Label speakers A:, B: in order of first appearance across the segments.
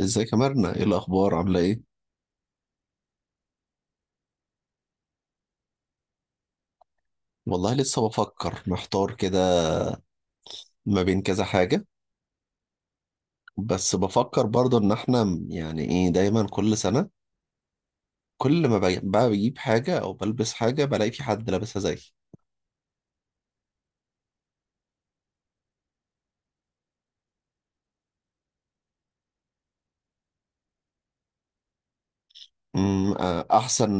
A: ازيك يا مرنة؟ ايه الاخبار؟ عاملة ايه؟ والله لسه بفكر، محتار كده ما بين كذا حاجة. بس بفكر برضه ان احنا يعني ايه، دايما كل سنة كل ما بقى بجيب حاجة او بلبس حاجة بلاقي في حد لابسها زيي. أمم، آه، احسن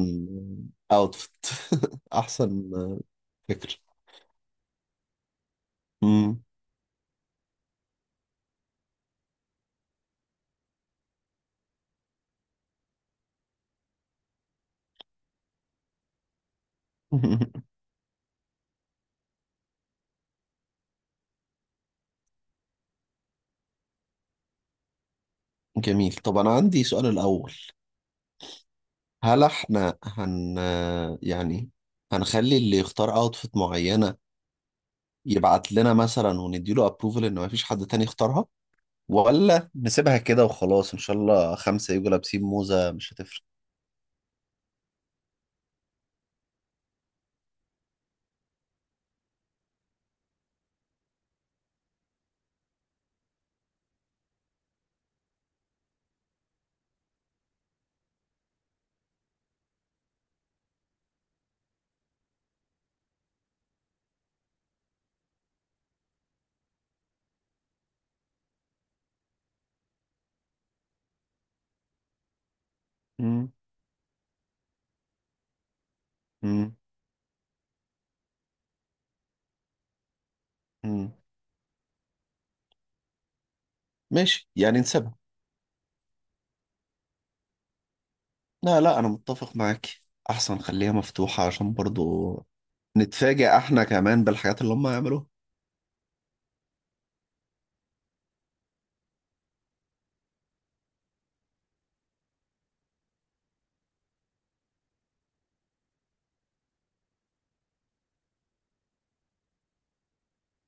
A: اوتفيت. احسن فكر. أمم. جميل. طب انا عندي سؤال الاول. هل احنا هن يعني هنخلي اللي يختار اوتفيت معينة يبعت لنا مثلا ونديله ابروفل ان مفيش حد تاني اختارها، ولا نسيبها كده وخلاص ان شاء الله خمسة يجوا لابسين موزة مش هتفرق؟ مم. مم. مم. ماشي، يعني نسيبها. لا، لا، انا متفق معاك. احسن خليها مفتوحة عشان برضو نتفاجئ احنا كمان بالحاجات اللي هم هيعملوها.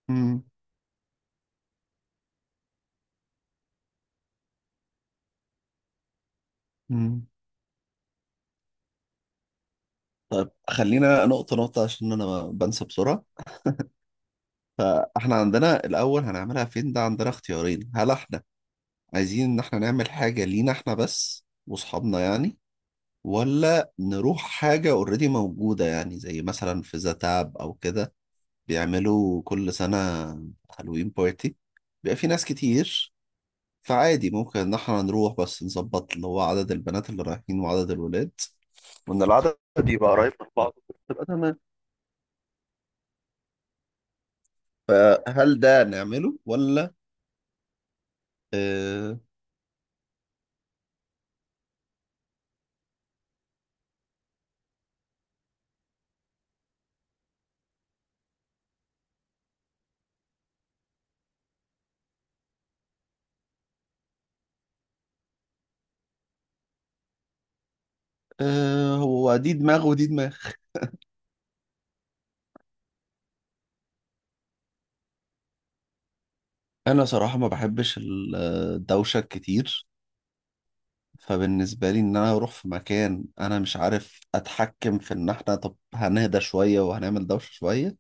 A: مم. مم. طيب خلينا نقطة نقطة عشان انا بنسى بسرعة. فاحنا عندنا الاول هنعملها فين، ده عندنا اختيارين. هل احنا عايزين ان احنا نعمل حاجة لينا احنا بس واصحابنا يعني، ولا نروح حاجة اوريدي موجودة، يعني زي مثلا في زتاب أو كده بيعملوا كل سنة هالوين بارتي، بيبقى في ناس كتير. فعادي ممكن إن احنا نروح بس نظبط اللي هو عدد البنات اللي رايحين وعدد الولاد، وإن العدد يبقى قريب من بعض تبقى تمام. فهل ده نعمله ولا؟ آه. آه، هو دي دماغ ودي دماغ. أنا صراحة ما بحبش الدوشة كتير، فبالنسبة لي إن أنا أروح في مكان أنا مش عارف أتحكم في إن إحنا، طب هنهدى شوية وهنعمل دوشة شوية،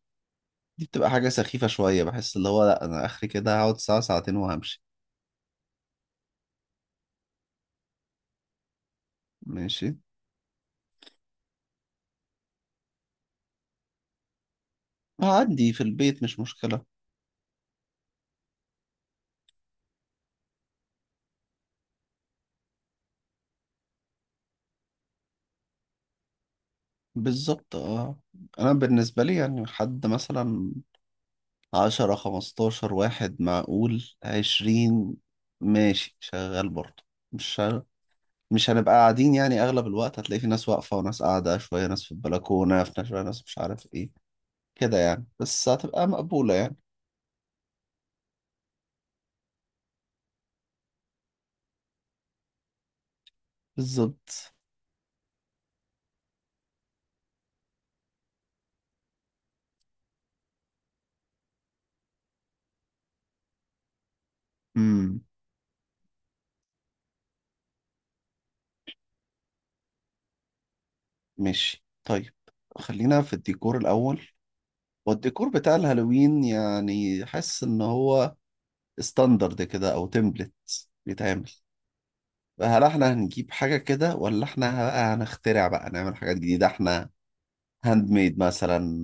A: دي بتبقى حاجة سخيفة شوية، بحس اللي هو لأ، أنا آخري كده هقعد ساعة ساعتين وهمشي. ماشي. هعدي في البيت مش مشكلة. بالظبط، اه. أنا بالنسبة لي يعني حد مثلا 10 15 واحد، معقول 20. ماشي شغال برضه. مش مش هنبقى قاعدين، يعني اغلب الوقت هتلاقي في ناس واقفه وناس قاعده شويه، ناس في البلكونه، في ناس، شويه ناس مش عارف ايه، كده يعني، بس هتبقى مقبولة يعني. بالظبط. امم ماشي، طيب خلينا في الديكور الأول. والديكور بتاع الهالوين يعني حاسس إن هو ستاندرد كده أو تمبلت بيتعمل. فهل احنا هنجيب حاجة كده ولا احنا بقى هنخترع بقى نعمل حاجات جديدة احنا هاند ميد مثلا،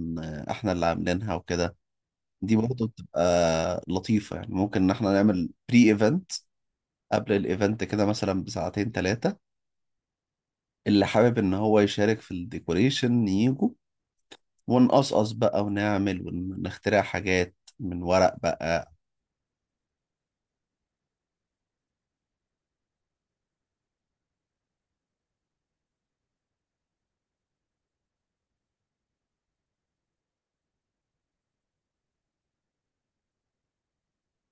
A: احنا اللي عاملينها وكده. دي برضه بتبقى لطيفة، يعني ممكن ان احنا نعمل بري ايفنت قبل الايفنت كده مثلا بساعتين ثلاثة، اللي حابب ان هو يشارك في الديكوريشن ييجوا، ونقصقص بقى ونعمل ونخترع حاجات من ورق بقى.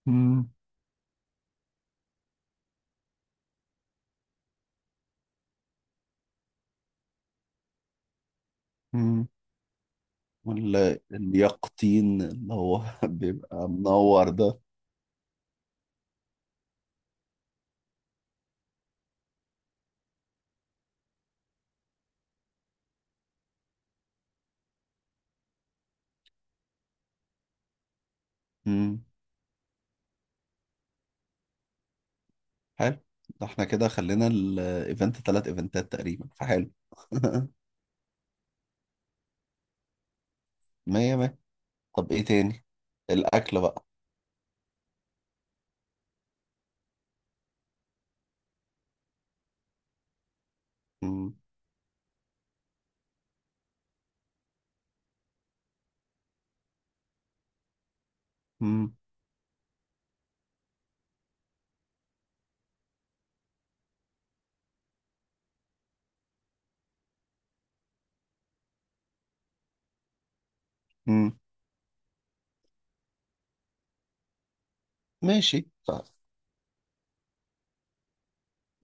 A: مم. مم. ولا اليقطين اللي هو بيبقى منور ده؟ مم. حلو. ده احنا كده خلينا الايفنت 3 ايفنتات تقريبا، فحلو. مية مية. طب ايه تاني؟ الاكل بقى. مم. مم. مم. ماشي.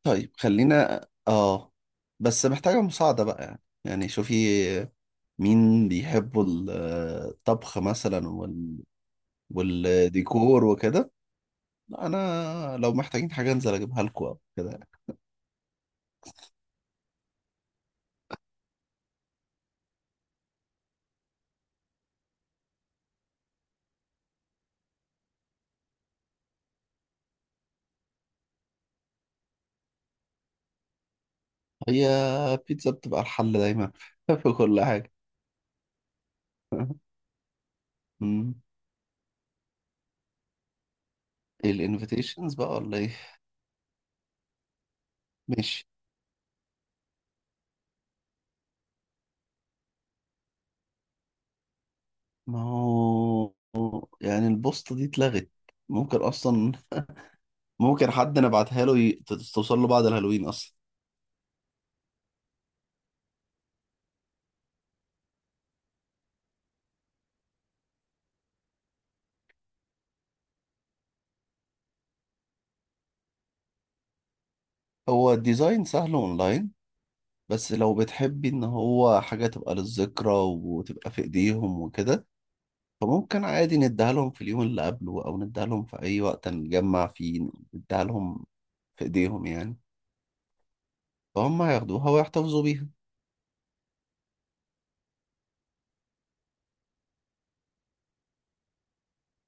A: طيب خلينا، بس محتاجة مساعدة بقى، يعني شوفي مين بيحبوا الطبخ مثلا والديكور وكده. لا، انا لو محتاجين حاجه انزل اجيبها لكم او كده يعني. هي بيتزا بتبقى الحل دايما في كل حاجه. مم. الانفيتيشنز بقى ولا ايه؟ ماشي. ما هو يعني البوسطه دي اتلغت ممكن اصلا. ممكن حد نبعتها له توصل له بعد الهالوين اصلا. هو الديزاين سهل اونلاين، بس لو بتحبي ان هو حاجة تبقى للذكرى وتبقى في ايديهم وكده، فممكن عادي نديها لهم في اليوم اللي قبله، او نديها لهم في اي وقت نجمع فيه، نديها لهم في ايديهم يعني، فهم هياخدوها ويحتفظوا بيها.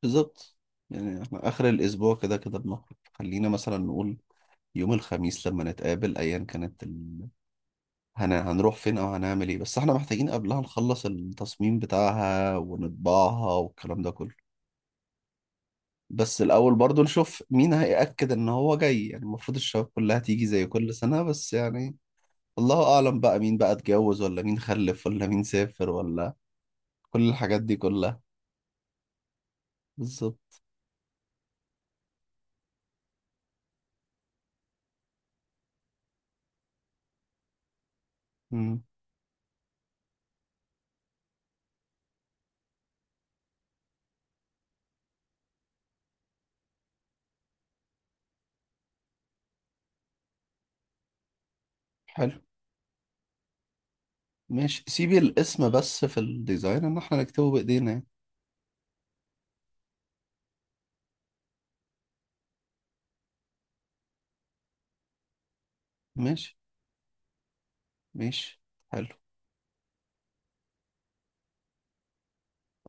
A: بالظبط. يعني احنا اخر الاسبوع كده كده بنخرج، خلينا مثلا نقول يوم الخميس لما نتقابل، ايا كانت هنروح فين او هنعمل ايه، بس احنا محتاجين قبلها نخلص التصميم بتاعها ونطبعها والكلام ده كله. بس الأول برضو نشوف مين هيأكد إن هو جاي، يعني المفروض الشباب كلها تيجي زي كل سنة، بس يعني الله أعلم بقى مين بقى اتجوز، ولا مين خلف، ولا مين سافر، ولا كل الحاجات دي كلها. بالظبط. مم. حلو. ماشي، سيبي الاسم بس في الديزاين إن احنا نكتبه بإيدينا يعني. ماشي، ماشي. حلو.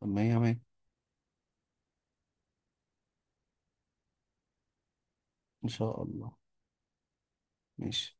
A: مية مية. إن شاء الله. ماشي.